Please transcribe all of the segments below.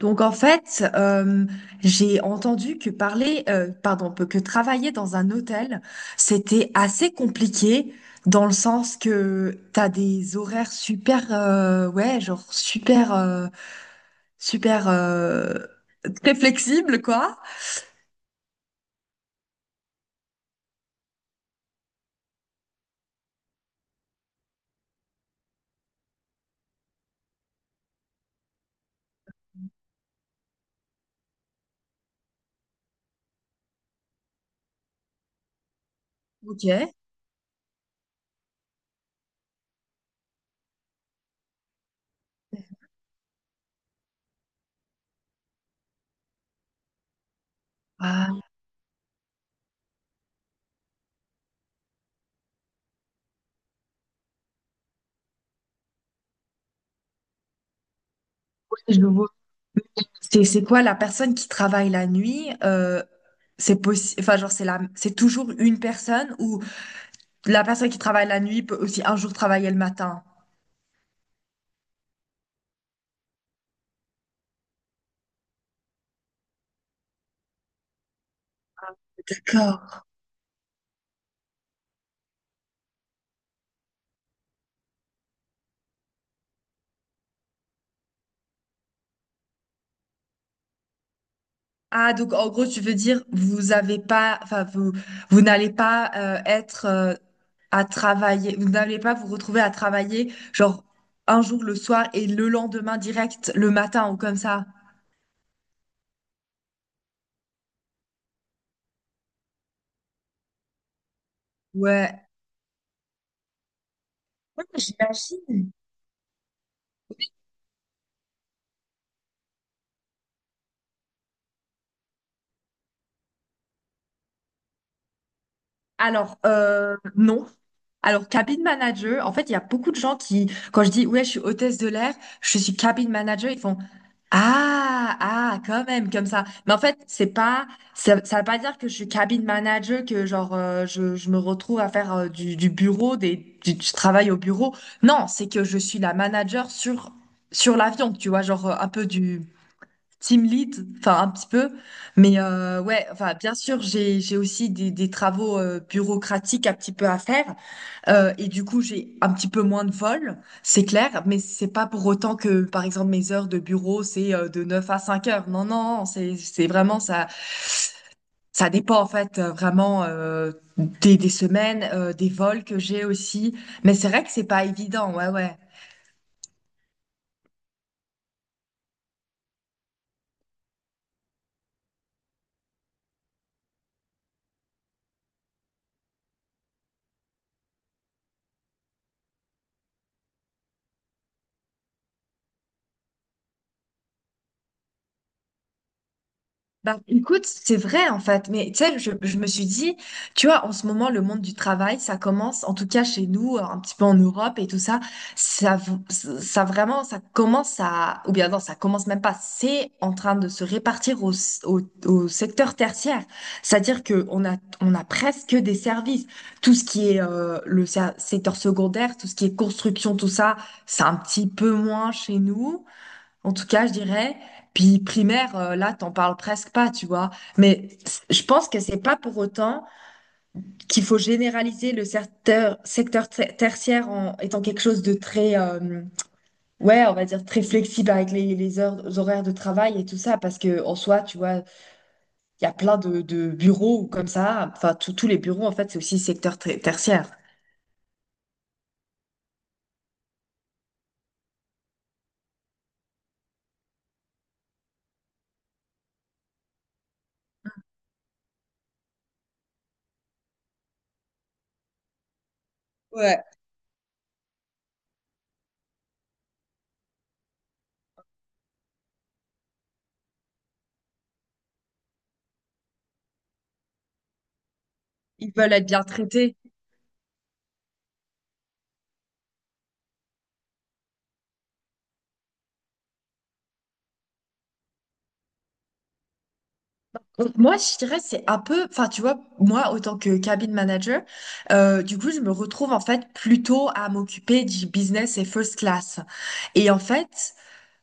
Donc en fait, j'ai entendu que parler, pardon, que travailler dans un hôtel, c'était assez compliqué dans le sens que t'as des horaires super, ouais, genre super, super très flexibles quoi. Ok. Ah, ouais, je vois. C'est quoi la personne qui travaille la nuit? C'est possible, enfin genre c'est toujours une personne ou la personne qui travaille la nuit peut aussi un jour travailler le matin. D'accord. Ah, donc en gros, tu veux dire, vous avez pas, enfin, vous, vous n'allez pas être à travailler, vous n'allez pas vous retrouver à travailler, genre un jour le soir et le lendemain direct, le matin ou comme ça. Ouais. Ouais, j'imagine. Alors, non. Alors, cabin manager, en fait, il y a beaucoup de gens qui, quand je dis, ouais, je suis hôtesse de l'air, je suis cabin manager, ils font, ah, ah, quand même, comme ça. Mais en fait, c'est pas, ça veut pas dire que je suis cabin manager, que genre, je me retrouve à faire du bureau, du travail au bureau. Non, c'est que je suis la manager sur l'avion, tu vois, genre, un peu Team lead, enfin un petit peu, mais ouais, enfin bien sûr j'ai aussi des travaux bureaucratiques un petit peu à faire et du coup j'ai un petit peu moins de vol, c'est clair, mais c'est pas pour autant que par exemple mes heures de bureau c'est de 9 à 5 heures, non non, non, c'est vraiment ça. Ça dépend en fait vraiment des semaines, des vols que j'ai aussi, mais c'est vrai que c'est pas évident, ouais ouais. Bah, écoute, c'est vrai en fait, mais tu sais, je me suis dit, tu vois, en ce moment, le monde du travail, ça commence, en tout cas chez nous, un petit peu en Europe et tout ça, ça, v- ça vraiment, ça commence à, ou bien non, ça commence même pas, c'est en train de se répartir au secteur tertiaire. C'est-à-dire que on a presque des services. Tout ce qui est le secteur secondaire, tout ce qui est construction, tout ça, c'est un petit peu moins chez nous. En tout cas, je dirais, puis primaire, là, t'en parles presque pas, tu vois. Mais je pense que c'est pas pour autant qu'il faut généraliser le tertiaire en étant quelque chose de très, ouais, on va dire très flexible avec les heures, les horaires de travail et tout ça, parce que en soi, tu vois, il y a plein de bureaux comme ça. Enfin, tous les bureaux, en fait, c'est aussi tertiaire. Ouais. Ils veulent être bien traités. Moi, je dirais, c'est un peu, enfin, tu vois, moi, autant que cabin manager, du coup, je me retrouve en fait plutôt à m'occuper du business et first class. Et en fait,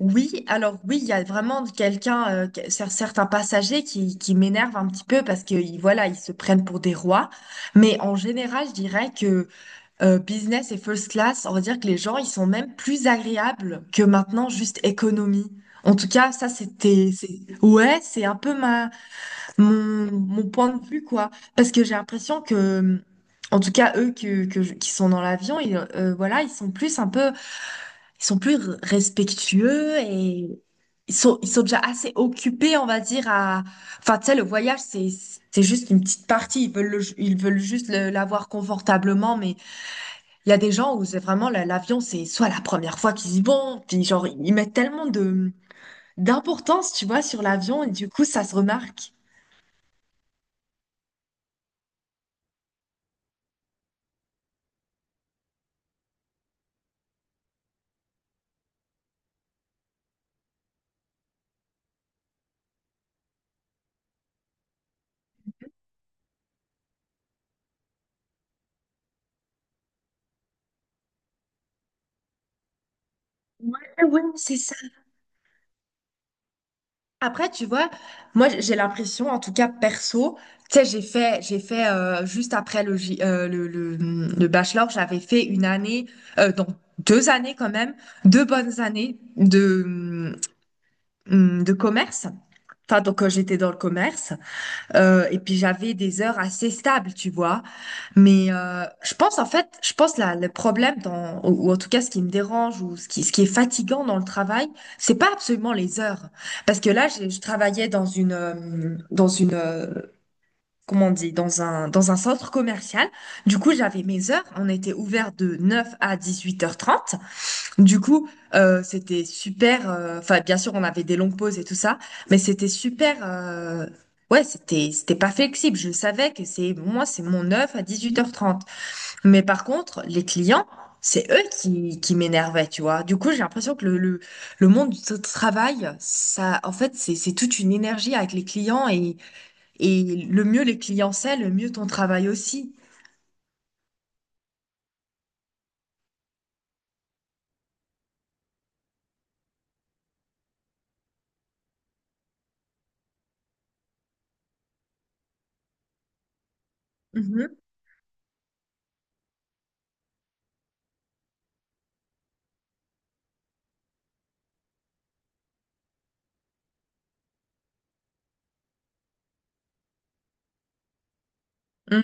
oui, alors oui, il y a vraiment quelqu'un, certains passagers qui m'énervent un petit peu parce que, voilà, ils se prennent pour des rois. Mais en général, je dirais que business et first class, on va dire que les gens, ils sont même plus agréables que maintenant juste économie. En tout cas, ça, c'était, c'est, ouais, c'est un peu mon point de vue, quoi. Parce que j'ai l'impression que, en tout cas, eux qui sont dans l'avion, voilà, ils sont plus un peu, ils sont plus r- respectueux et ils sont déjà assez occupés, on va dire, à. Enfin, tu sais, le voyage, c'est juste une petite partie. Ils veulent, ils veulent juste l'avoir confortablement, mais il y a des gens où c'est vraiment l'avion, c'est soit la première fois qu'ils y vont, puis genre, ils mettent tellement d'importance, tu vois, sur l'avion, et du coup, ça se remarque. Ouais, ouais, c'est ça. Après, tu vois, moi j'ai l'impression, en tout cas perso, tu sais, j'ai fait juste après le bachelor, j'avais fait une année, donc 2 années quand même, 2 bonnes années de commerce. Enfin, donc j'étais dans le commerce. Et puis j'avais des heures assez stables, tu vois. Mais je pense en fait, je pense là, le problème dans, ou en tout cas ce qui me dérange ou ce qui est fatigant dans le travail, c'est pas absolument les heures. Parce que là, je travaillais comment on dit, dans un centre commercial. Du coup, j'avais mes heures. On était ouvert de 9 à 18h30. Du coup, c'était super. Enfin, bien sûr, on avait des longues pauses et tout ça, mais c'était super. Ouais, c'était pas flexible. Je savais que c'est moi, c'est mon 9 à 18h30. Mais par contre, les clients, c'est eux qui m'énervaient, tu vois. Du coup, j'ai l'impression que le monde du travail, ça, en fait, c'est toute une énergie avec les clients et le mieux les clients c'est, le mieux ton travail aussi. Mhm. Mm.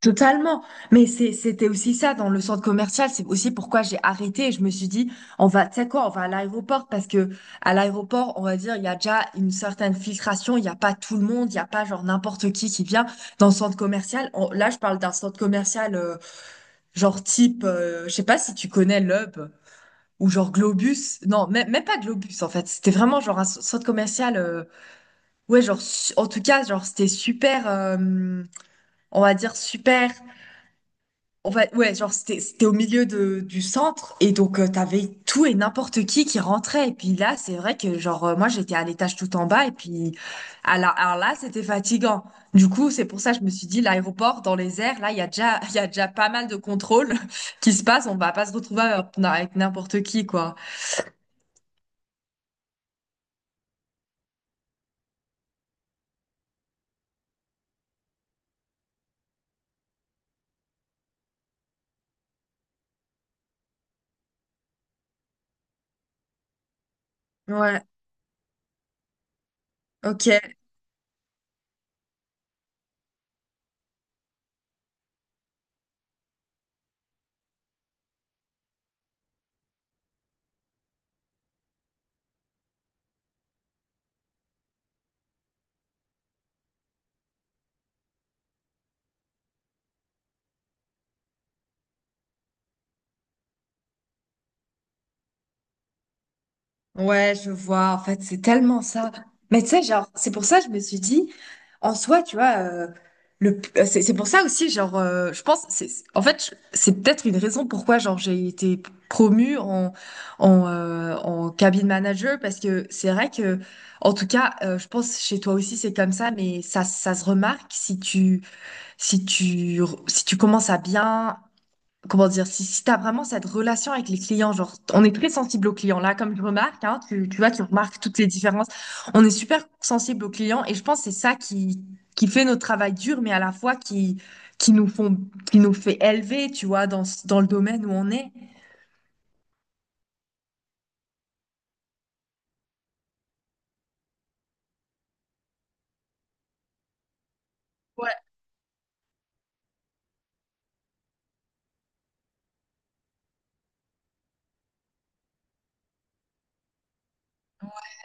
Totalement. Mais c'était aussi ça dans le centre commercial. C'est aussi pourquoi j'ai arrêté. Et je me suis dit, on va, tu sais quoi, on va à l'aéroport parce que à l'aéroport, on va dire, il y a déjà une certaine filtration. Il n'y a pas tout le monde. Il n'y a pas genre n'importe qui vient dans le centre commercial. Là, je parle d'un centre commercial. Genre type, je sais pas si tu connais l'Hub ou genre Globus. Non, même pas Globus en fait. C'était vraiment genre un centre commercial. Ouais, genre en tout cas, genre c'était super, on va dire super. En fait, ouais, genre c'était au milieu du centre et donc t'avais tout et n'importe qui rentrait. Et puis là, c'est vrai que genre moi j'étais à l'étage tout en bas et puis alors là c'était fatigant. Du coup, c'est pour ça que je me suis dit l'aéroport dans les airs, là il y a déjà il y a déjà pas mal de contrôles qui se passent. On va pas se retrouver avec n'importe qui quoi. Ouais, ok. Ouais, je vois. En fait, c'est tellement ça. Mais tu sais, genre, c'est pour ça que je me suis dit, en soi, tu vois, c'est pour ça aussi, genre, je pense, en fait, c'est peut-être une raison pourquoi, genre, j'ai été promue en cabine manager, parce que c'est vrai que, en tout cas, je pense chez toi aussi, c'est comme ça, mais ça se remarque si tu, si tu commences à bien comment dire, si tu as vraiment cette relation avec les clients, genre, on est très sensible aux clients. Là, comme je remarque, hein, tu vois, tu remarques toutes les différences. On est super sensible aux clients et je pense que c'est ça qui fait notre travail dur, mais à la fois qui nous font, qui nous fait élever, tu vois, dans le domaine où on est.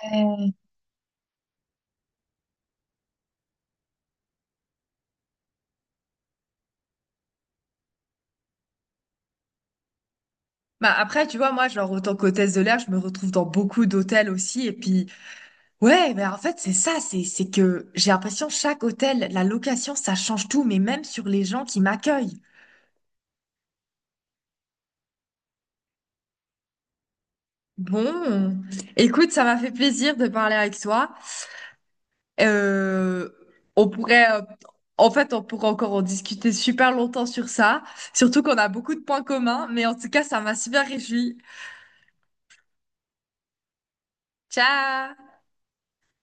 Ouais. Bah après, tu vois, moi, genre, autant qu'hôtesse de l'air, je me retrouve dans beaucoup d'hôtels aussi. Et puis, ouais, mais en fait, c'est ça, c'est que j'ai l'impression, chaque hôtel, la location, ça change tout, mais même sur les gens qui m'accueillent. Bon, écoute, ça m'a fait plaisir de parler avec toi. Euh, on pourrait, en fait, on pourrait encore en discuter super longtemps sur ça, surtout qu'on a beaucoup de points communs, mais en tout cas, ça m'a super réjoui. Ciao!